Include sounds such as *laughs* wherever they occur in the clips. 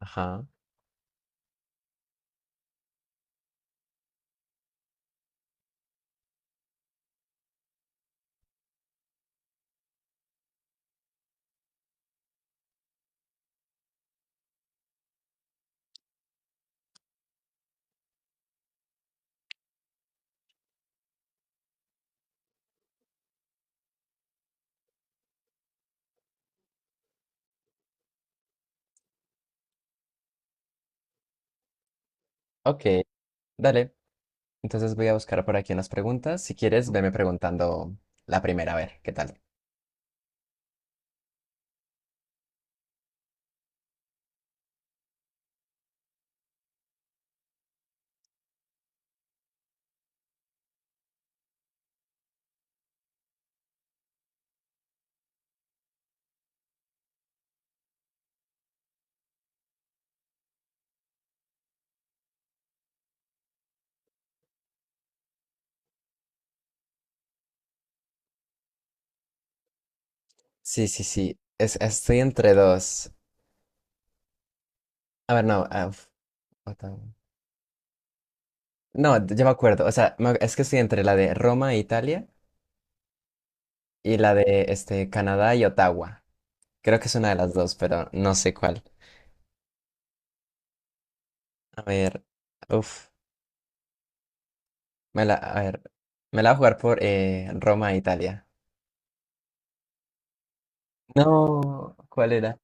Ajá. Ok, dale. Entonces voy a buscar por aquí unas preguntas. Si quieres, veme preguntando la primera, a ver, ¿qué tal? Sí, sí, sí. Estoy entre dos. A ver, no. Otra- No, ya me acuerdo. O sea, es que estoy entre la de Roma e Italia y la de este, Canadá y Ottawa. Creo que es una de las dos, pero no sé cuál. A ver. Uf. Me la, a ver. Me la voy a jugar por Roma e Italia. No, ¿cuál era?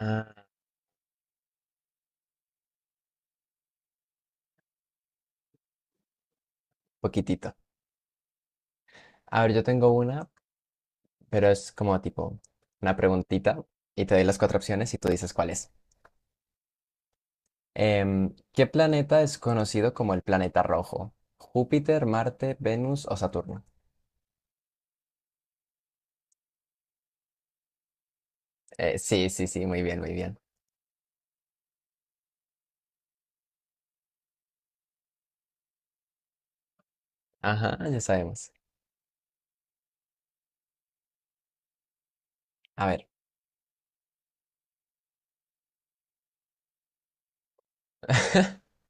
Ah, poquitito. A ver, yo tengo una, pero es como tipo una preguntita y te doy las cuatro opciones y tú dices cuál es. ¿Qué planeta es conocido como el planeta rojo? ¿Júpiter, Marte, Venus o Saturno? Sí, sí, sí, muy bien, muy bien. Ajá, ya sabemos. A ver. *laughs*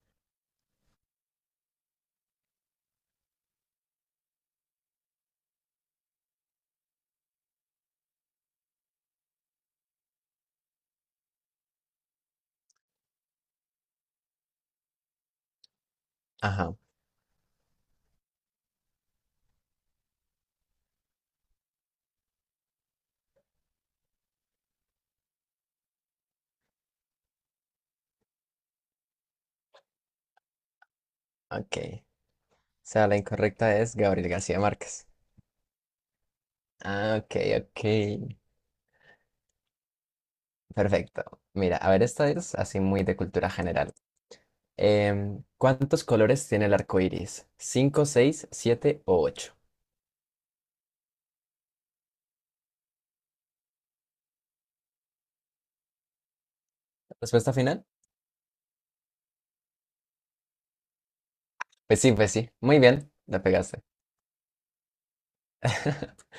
Ajá, ok. O sea, la incorrecta es Gabriel García Márquez. Ah, ok, ok. Perfecto. Mira, a ver, esta es así muy de cultura general. ¿Cuántos colores tiene el arco iris? ¿Cinco, seis, siete o ocho? ¿Respuesta final? Pues sí, pues sí. Muy bien, la pegaste. *laughs*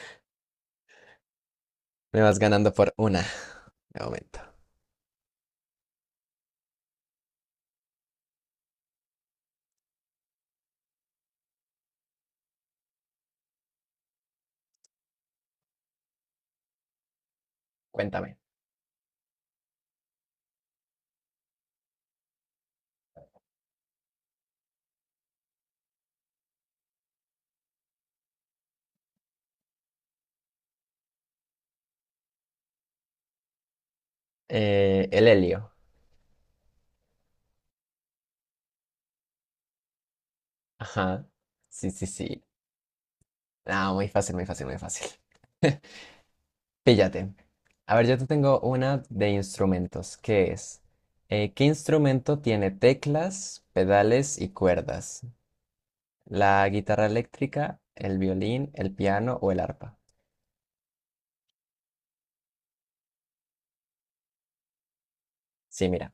Me vas ganando por una, de momento. Cuéntame. El helio. Ajá. Sí, sí, sí. Ah, muy fácil, muy fácil, muy fácil. *laughs* Píllate. A ver, yo te tengo una de instrumentos. ¿Qué es? ¿Qué instrumento tiene teclas, pedales y cuerdas? ¿La guitarra eléctrica, el violín, el piano o el arpa? Sí, mira.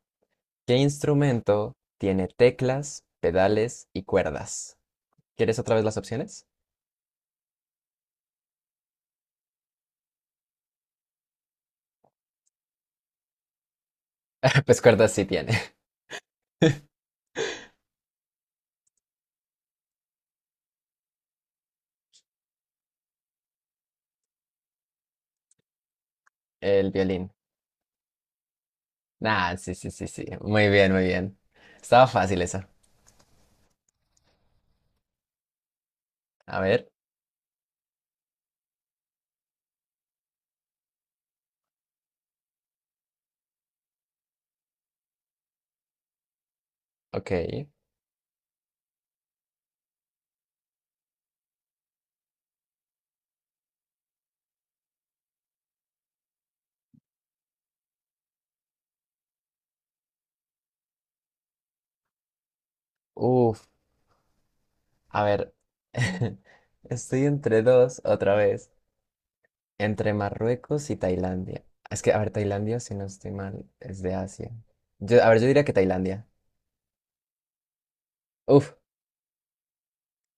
¿Qué instrumento tiene teclas, pedales y cuerdas? ¿Quieres otra vez las opciones? *laughs* Pues cuerdas sí tiene. El violín. Ah, sí, sí, sí, sí. Muy bien, muy bien. Estaba fácil esa. A ver, ok. Uf, a ver. *laughs* Estoy entre dos otra vez. Entre Marruecos y Tailandia. Es que, a ver, Tailandia, si no estoy mal, es de Asia. Yo, a ver, yo diría que Tailandia. Uf,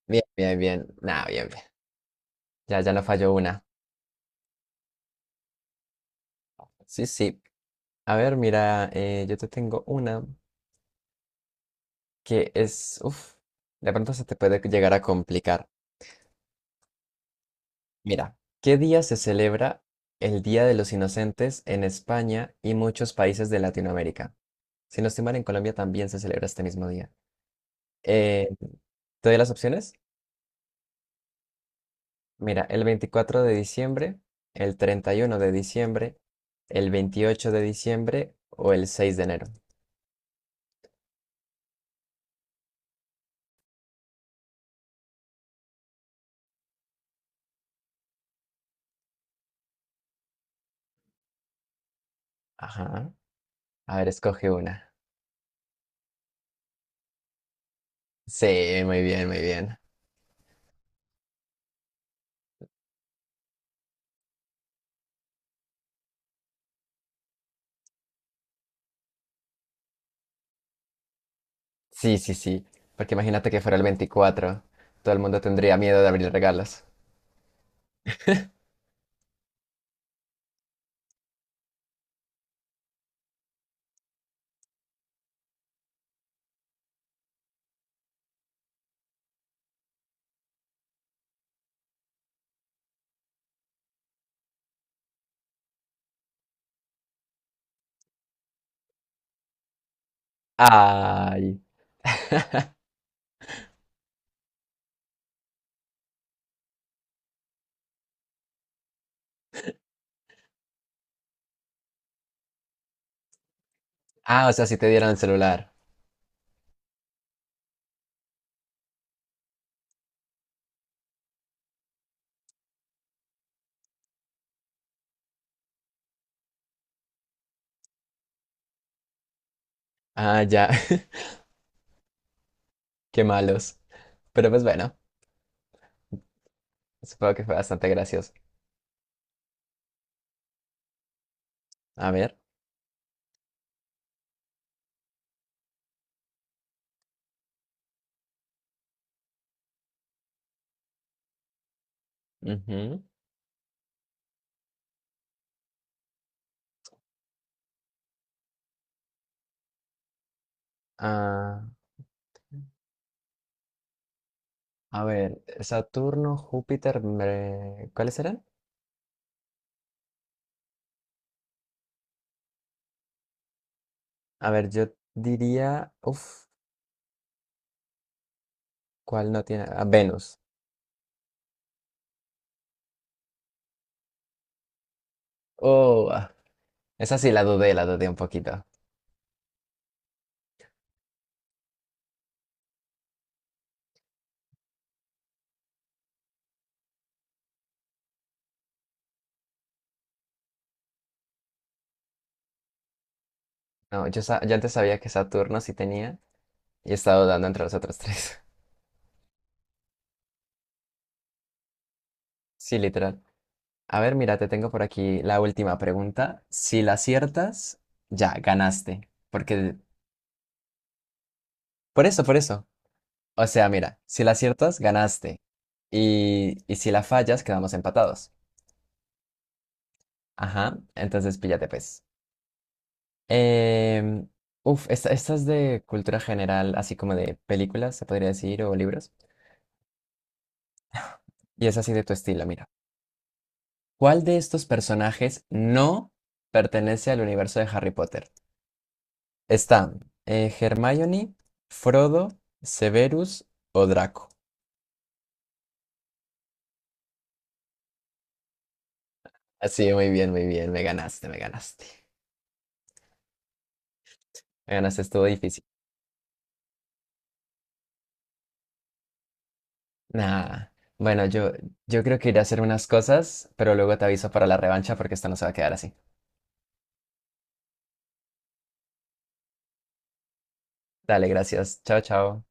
bien, bien, bien. Nah, bien, bien. Ya, ya no falló una. Sí, sí. A ver, mira, yo te tengo una que es, uff, de pronto se te puede llegar a complicar. Mira, ¿qué día se celebra el Día de los Inocentes en España y muchos países de Latinoamérica? Si no estoy mal, en Colombia también se celebra este mismo día. Eh, ¿Te doy las opciones? Mira, el 24 de diciembre, el 31 de diciembre, el 28 de diciembre o el 6 de enero. Ajá. A ver, escoge una. Sí, muy bien, muy bien. Sí, sí, sí. Porque imagínate que fuera el 24, todo el mundo tendría miedo de abrir regalos. Ay. Ah, o sea, si te dieran el celular. Ah, ya. *laughs* Qué malos. Pero pues bueno, supongo que fue bastante gracioso. A ver. Ujú. Ah, a ver, Saturno, Júpiter, ¿cuáles eran? A ver, yo diría, uf, ¿cuál no tiene? Ah, Venus. Oh, ah, esa sí la dudé un poquito. No, yo, yo antes sabía que Saturno sí tenía, y he estado dando entre los otros tres. *laughs* Sí, literal. A ver, mira, te tengo por aquí la última pregunta. Si la aciertas, ya, ganaste. Porque, por eso, por eso. O sea, mira, si la aciertas, ganaste. Y si la fallas, quedamos empatados. Ajá, entonces píllate pues. Em, uf, esta es de cultura general, así como de películas, se podría decir, o libros. Y es así de tu estilo, mira. ¿Cuál de estos personajes no pertenece al universo de Harry Potter? Están Hermione, Frodo, Severus o Draco. Así, muy bien, muy bien. Me ganaste, me ganaste. Me ganaste, estuvo difícil. Nah. Bueno, yo creo que iré a hacer unas cosas, pero luego te aviso para la revancha porque esto no se va a quedar así. Dale, gracias. Chao, chao.